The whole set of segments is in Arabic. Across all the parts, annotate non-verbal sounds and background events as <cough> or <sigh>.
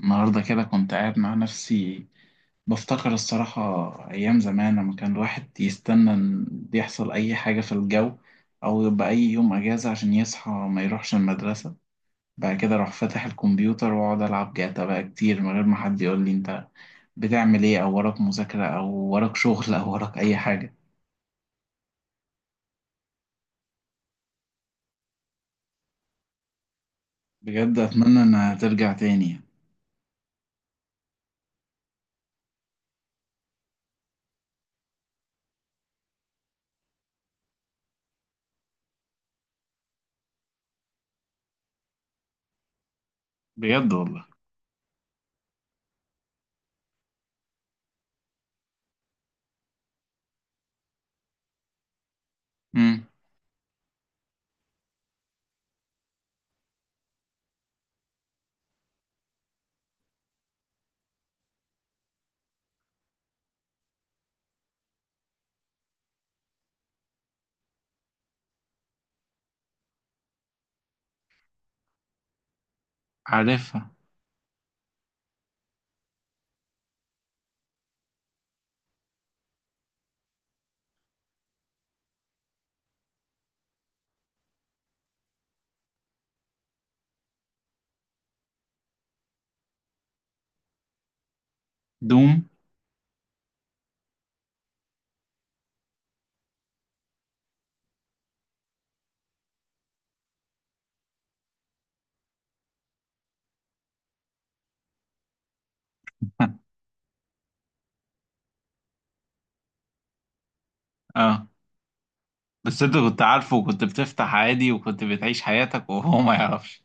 النهاردة كده كنت قاعد مع نفسي بفتكر الصراحة أيام زمان لما كان الواحد يستنى إن يحصل أي حاجة في الجو، أو يبقى أي يوم أجازة عشان يصحى ما يروحش المدرسة. بعد كده أروح فاتح الكمبيوتر وأقعد ألعب جاتا بقى كتير من غير ما حد يقول لي أنت بتعمل إيه، أو وراك مذاكرة أو وراك شغل أو وراك أي حاجة. بجد أتمنى إنها ترجع تاني يعني. بجد والله. امم عارفها. دوم. <laughs> آه، بس انت كنت عارفه وكنت بتفتح عادي وكنت بتعيش حياتك وهو ما يعرفش.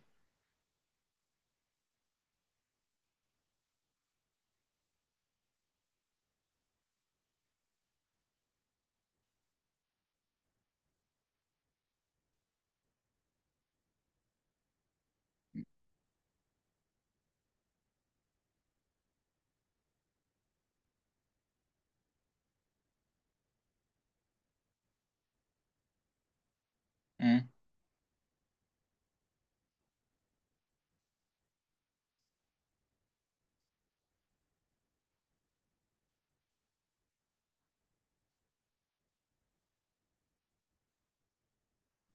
مم.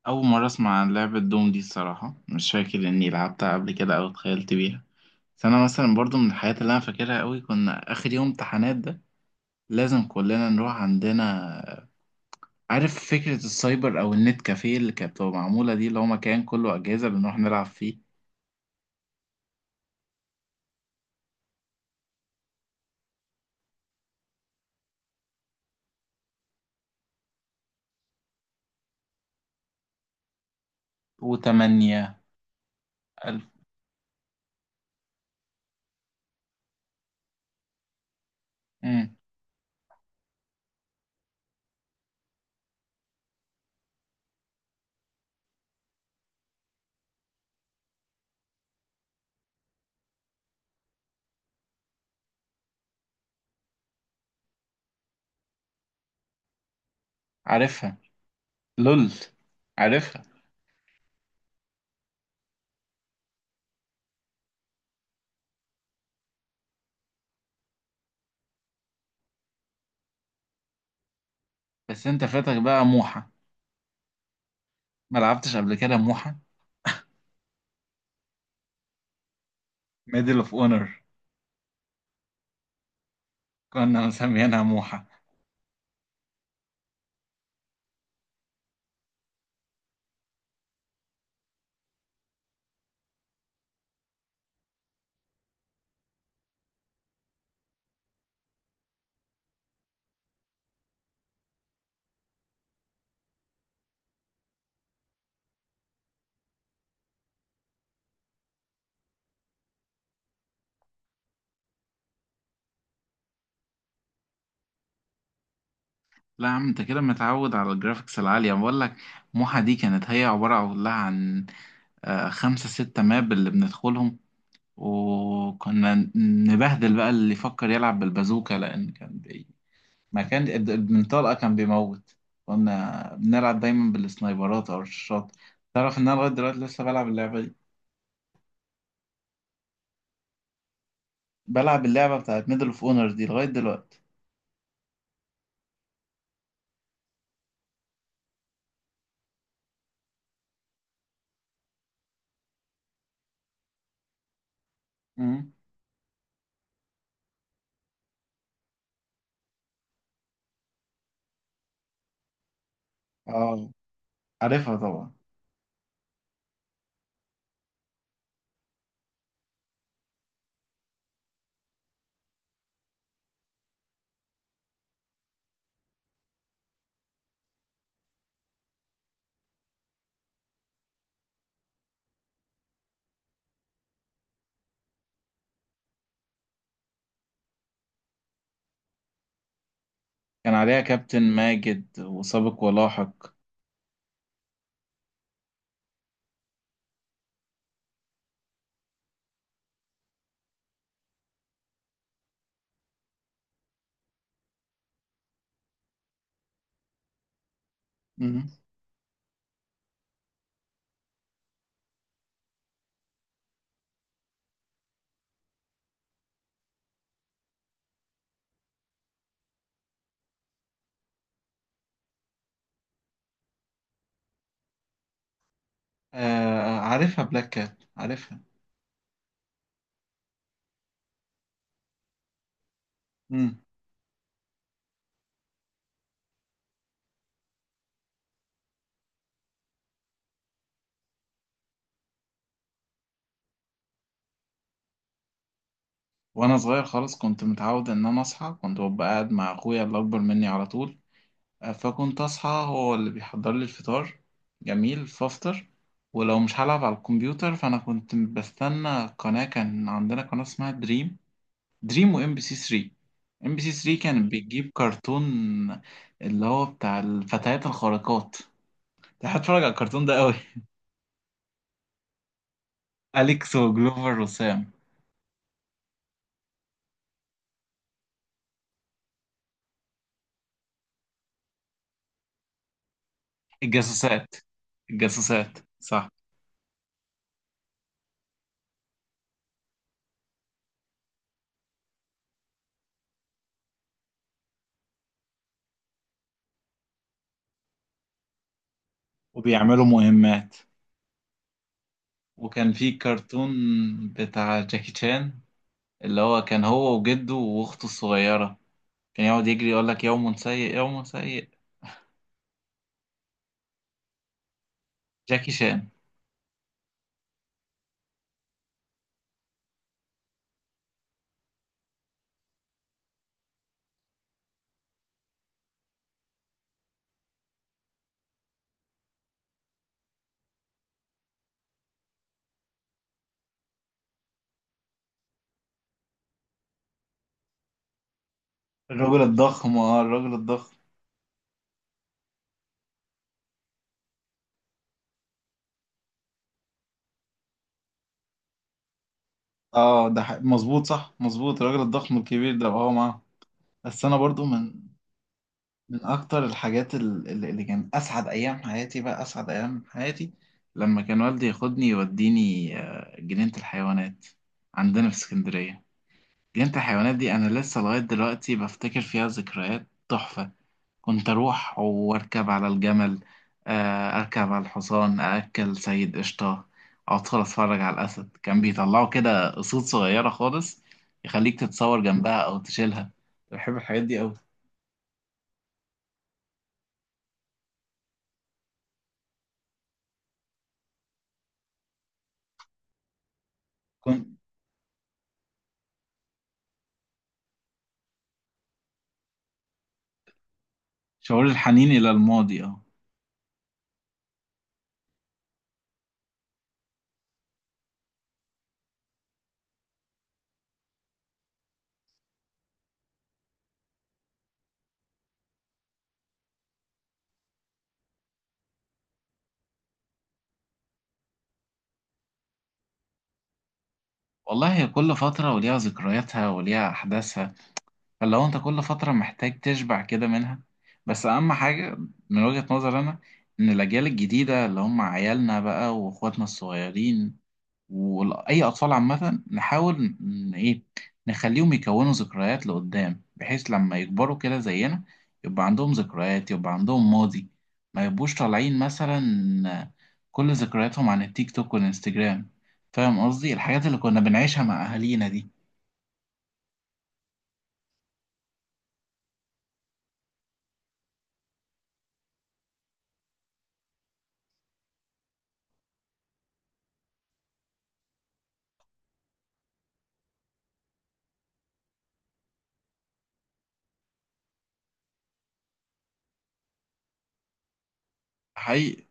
اول مره اسمع عن لعبه دوم دي الصراحه، مش فاكر اني لعبتها قبل كده او اتخيلت بيها. بس انا مثلا برضو من الحاجات اللي انا فاكرها قوي، كنا اخر يوم امتحانات ده لازم كلنا نروح عندنا. عارف فكره السايبر او النت كافيه اللي كانت بتبقى معموله دي، اللي هو مكان كله اجهزه بنروح نلعب فيه. وتمانية. الف. مم. عارفها. لول. عارفها. بس انت فاتك بقى موحة، ما لعبتش قبل كده موحة. ميدل اوف اونر، كنا مسميينها موحة. لا يا عم، انت كده متعود على الجرافيكس العالية بقول لك. موحة دي كانت هي عبارة كلها عن خمسة ستة ماب اللي بندخلهم. وكنا نبهدل بقى اللي يفكر يلعب بالبازوكا، لأن كان ما كان البنطلقة كان بيموت. كنا بنلعب دايما بالسنايبرات أو الرشاشات. تعرف إن أنا لغاية دلوقتي لسه بلعب اللعبة دي. بلعب اللعبة بتاعت ميدل اوف اونر دي لغاية دلوقتي. مم. اه عارفها طبعا. كان عليها كابتن ماجد وسابق ولاحق. مم. آه عارفها، بلاك كات عارفها. مم. وانا صغير خالص كنت متعود ان انا اصحى، كنت ببقى قاعد مع اخويا اللي اكبر مني على طول. فكنت اصحى هو اللي بيحضر لي الفطار جميل فافطر. ولو مش هلعب على الكمبيوتر، فانا كنت بستنى قناة. كان عندنا قناة اسمها دريم. دريم وام بي سي 3. ام بي سي 3 كانت بتجيب كرتون اللي هو بتاع الفتيات الخارقات. كنت هتفرج على الكرتون ده قوي. أليكس وجلوفر وسام. الجاسوسات. الجاسوسات صح. وبيعملوا مهمات. وكان في كرتون بتاع جاكي شان، اللي هو كان هو وجده واخته الصغيرة. كان يقعد يجري يقول لك يوم سيء يوم سيء. جاكي شان. الراجل الضخم، اه الراجل الضخم. اه ده مظبوط، صح مظبوط، الراجل الضخم الكبير ده هو معاه. بس انا برضو من أكتر الحاجات اللي كان أسعد أيام حياتي، بقى أسعد أيام حياتي لما كان والدي ياخدني يوديني جنينة الحيوانات عندنا في اسكندرية. جنينة الحيوانات دي أنا لسه لغاية دلوقتي بفتكر فيها ذكريات تحفة. كنت أروح وأركب على الجمل، أركب على الحصان، أأكل سيد قشطة، أدخل أتفرج على الأسد. كان بيطلعوا كده قصود صغيرة خالص يخليك تتصور جنبها أو تشيلها. بحب الحاجات دي أوي. شعور الحنين إلى الماضي اه. والله هي كل فترة وليها ذكرياتها وليها أحداثها، فاللي هو أنت كل فترة محتاج تشبع كده منها. بس أهم حاجة من وجهة نظري أنا، إن الأجيال الجديدة اللي هم عيالنا بقى وإخواتنا الصغيرين واي اطفال عامه، نحاول ان ايه، نخليهم يكونوا ذكريات لقدام، بحيث لما يكبروا كده زينا يبقى عندهم ذكريات، يبقى عندهم ماضي. ما يبقوش طالعين مثلا كل ذكرياتهم عن التيك توك والانستجرام. فاهم قصدي، الحاجات اللي كنا بنعيشها مع اهالينا دي. حقيقي.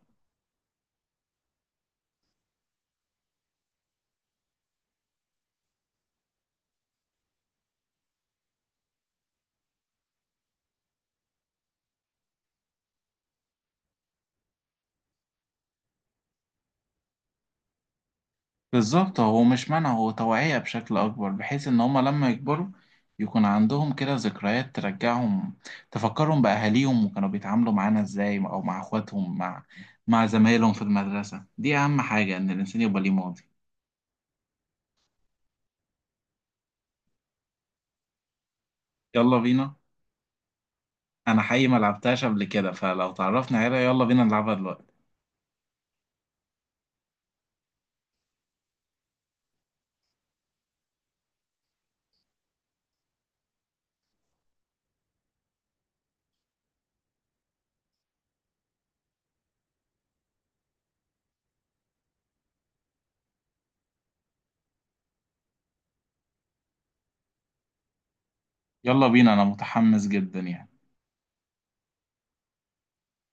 بالظبط، هو مش منع، هو توعية بشكل أكبر، بحيث إن هما لما يكبروا يكون عندهم كده ذكريات ترجعهم، تفكرهم بأهاليهم وكانوا بيتعاملوا معانا إزاي، أو مع إخواتهم، مع زمايلهم في المدرسة. دي أهم حاجة، إن الإنسان يبقى ليه ماضي. يلا بينا، أنا حقيقي ما لعبتهاش قبل كده، فلو تعرفنا عليها يلا بينا نلعبها دلوقتي. يلا بينا، أنا متحمس جدا يعني.